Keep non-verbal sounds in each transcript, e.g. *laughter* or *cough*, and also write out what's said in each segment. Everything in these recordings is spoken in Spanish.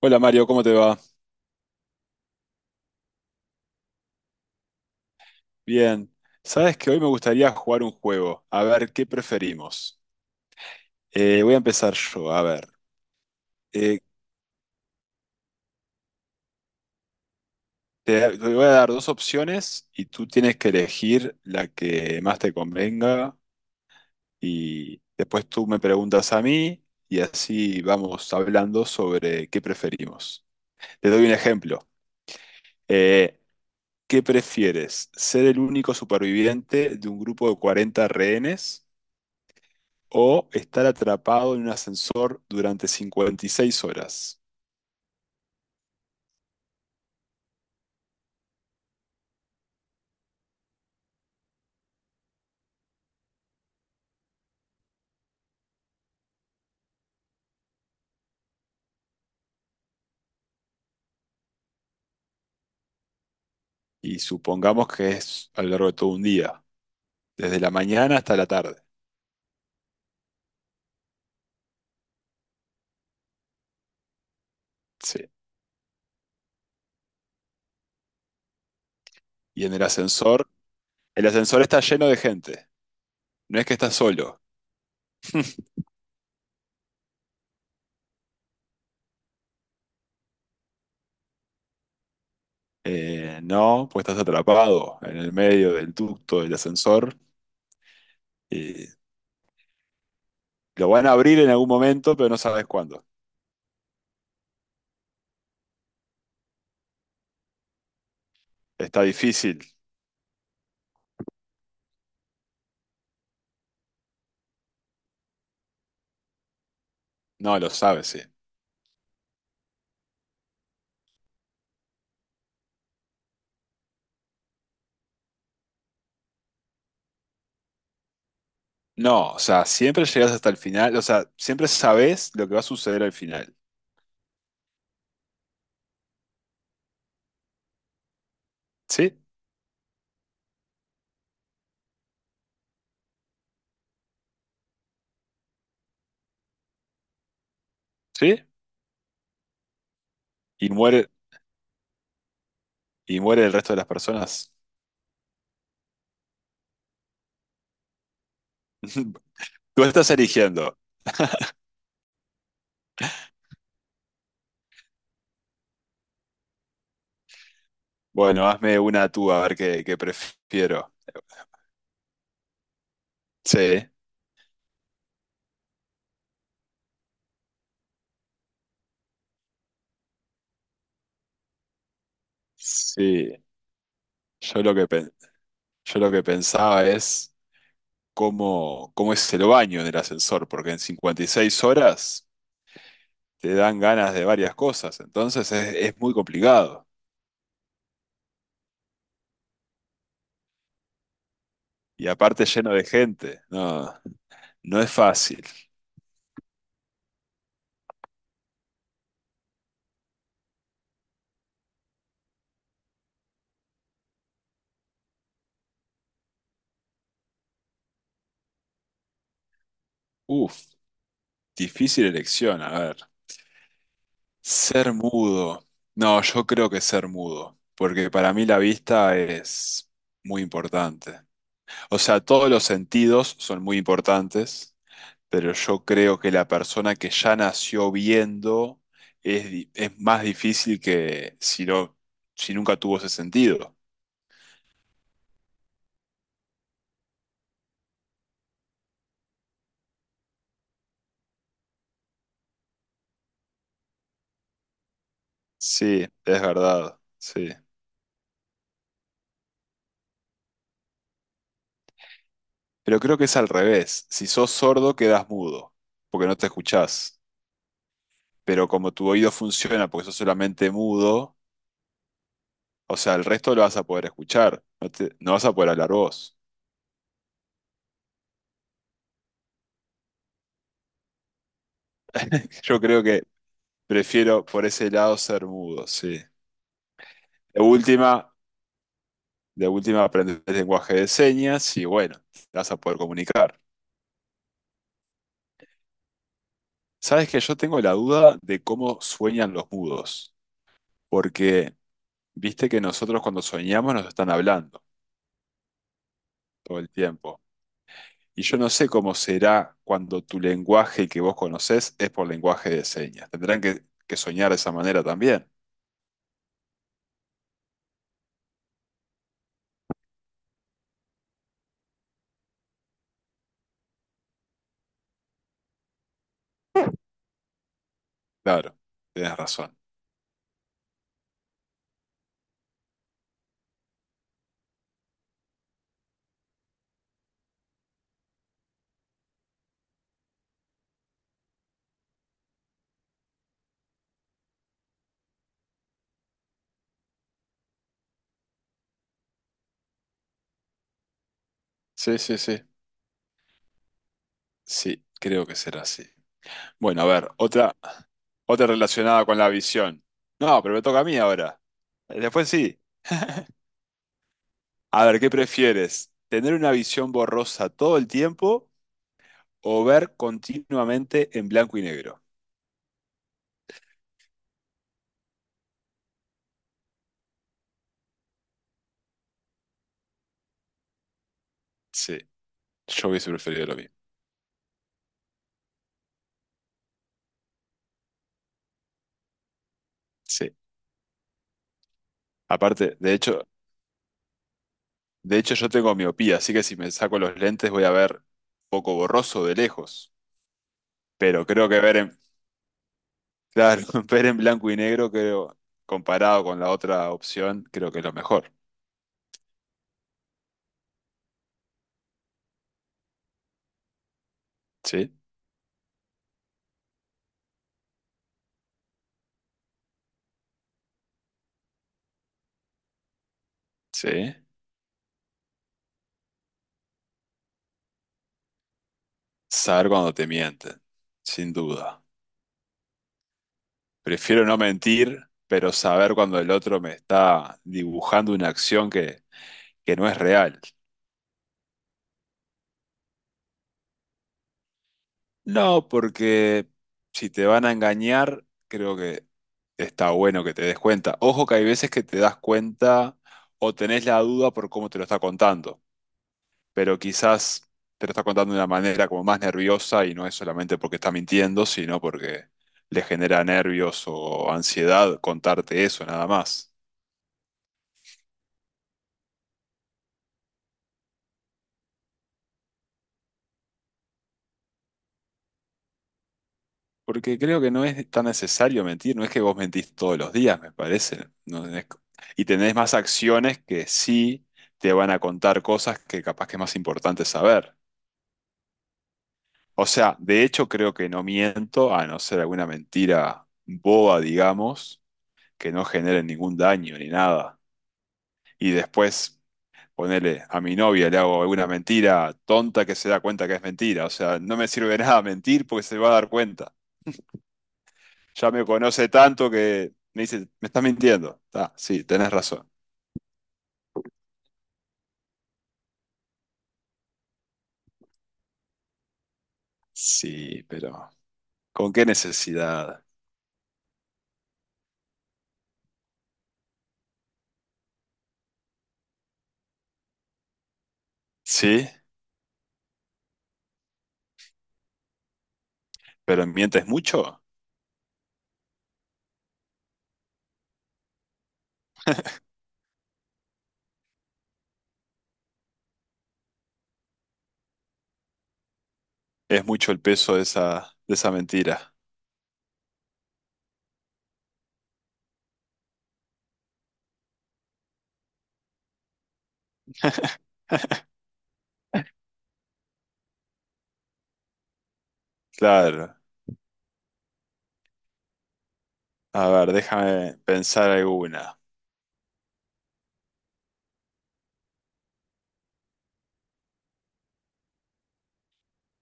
Hola Mario, ¿cómo te va? Bien. Sabes que hoy me gustaría jugar un juego. A ver, ¿qué preferimos? Voy a empezar yo. A ver, Eh, te voy a dar dos opciones y tú tienes que elegir la que más te convenga y después tú me preguntas a mí y así vamos hablando sobre qué preferimos. Te doy un ejemplo. Eh, ¿Qué prefieres? ¿Ser el único superviviente de un grupo de 40 rehenes? ¿O estar atrapado en un ascensor durante 56 horas? Y supongamos que es a lo largo de todo un día, desde la mañana hasta la tarde. Sí. Y en el ascensor está lleno de gente, no es que estás solo. No, pues estás atrapado en el medio del ducto del ascensor. Y lo van a abrir en algún momento, pero no sabes cuándo. Está difícil. No, lo sabes, sí. No, o sea, siempre llegas hasta el final, o sea, siempre sabes lo que va a suceder al final. ¿Sí? ¿Sí? y muere, y muere el resto de las personas. *laughs* Tú estás eligiendo. Bueno, hazme una tú a ver qué prefiero. Sí, sí. Yo lo que, pen- yo lo que pensaba es cómo es el baño en el ascensor, porque en 56 horas te dan ganas de varias cosas, entonces es muy complicado. Y aparte lleno de gente. No, no es fácil. Uf, difícil elección, a ver. Ser mudo. No, yo creo que ser mudo, porque para mí la vista es muy importante. O sea, todos los sentidos son muy importantes, pero yo creo que la persona que ya nació viendo es, di- es más difícil que si no, si nunca tuvo ese sentido. Sí, es verdad, sí. Pero creo que es al revés. Si sos sordo, quedas mudo, porque no te escuchás. Pero como tu oído funciona porque sos solamente mudo, o sea, el resto lo vas a poder escuchar, no, te- no vas a poder hablar vos. Yo creo que prefiero por ese lado ser mudo, sí. De última, de última aprendes el lenguaje de señas y bueno, te vas a poder comunicar. Sabes que yo tengo la duda de cómo sueñan los mudos, porque viste que nosotros cuando soñamos nos están hablando todo el tiempo. Y yo no sé cómo será cuando tu lenguaje que vos conocés es por lenguaje de señas. Tendrán que soñar de esa manera también. Claro, tienes razón. Sí, sí, sí. Sí, creo que será así. Bueno, a ver, otra, otra relacionada con la visión. No, pero me toca a mí ahora. Después sí. A ver, ¿qué prefieres? ¿Tener una visión borrosa todo el tiempo o ver continuamente en blanco y negro? Sí, yo hubiese preferido lo mismo. Sí. Aparte, de hecho yo tengo miopía, así que si me saco los lentes voy a ver un poco borroso de lejos. Pero creo que ver en, claro, *laughs* ver en blanco y negro, creo, comparado con la otra opción, creo que es lo mejor. Sí, sí. Saber cuando te mienten, sin duda. Prefiero no mentir, pero saber cuando el otro me está dibujando una acción que no es real. No, porque si te van a engañar, creo que está bueno que te des cuenta. Ojo que hay veces que te das cuenta o tenés la duda por cómo te lo está contando, pero quizás te lo está contando de una manera como más nerviosa y no es solamente porque está mintiendo, sino porque le genera nervios o ansiedad contarte eso nada más. Porque creo que no es tan necesario mentir, no es que vos mentís todos los días, me parece. No tenés- Y tenés más acciones que sí te van a contar cosas que capaz que es más importante saber. O sea, de hecho creo que no miento, a no ser alguna mentira boba, digamos, que no genere ningún daño ni nada. Y después ponele, a mi novia le hago alguna mentira tonta que se da cuenta que es mentira. O sea, no me sirve de nada mentir porque se va a dar cuenta. Ya me conoce tanto que me dice, me estás mintiendo. Ah, sí, tenés razón. Sí, pero ¿con qué necesidad? Sí, pero ¿mientes mucho? Es mucho el peso de esa mentira. *laughs* Claro. A ver, déjame pensar alguna.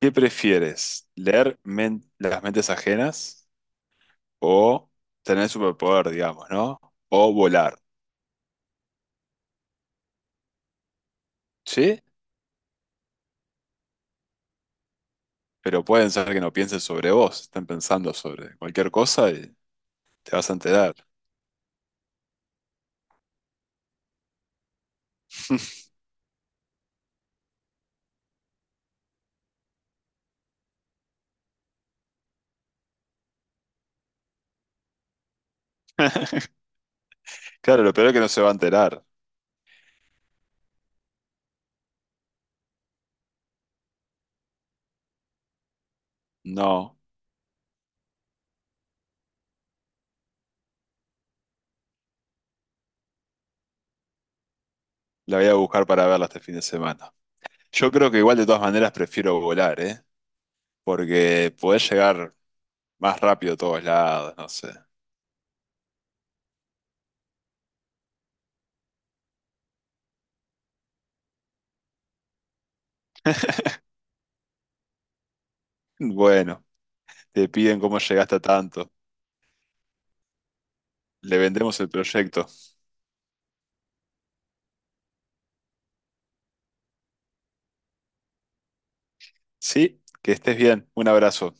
¿Qué prefieres? ¿Leer men- las mentes ajenas? ¿O tener superpoder, digamos, ¿no? O volar, ¿sí? Pero pueden ser que no piensen sobre vos, estén pensando sobre cualquier cosa y te vas a enterar. *laughs* Claro, lo peor es que no se va a enterar. No, la voy a buscar para verla este fin de semana. Yo creo que igual de todas maneras prefiero volar, ¿eh? Porque podés llegar más rápido a todos lados, no sé. Bueno, te piden cómo llegaste a tanto. Le vendemos el proyecto. Sí, que estés bien. Un abrazo.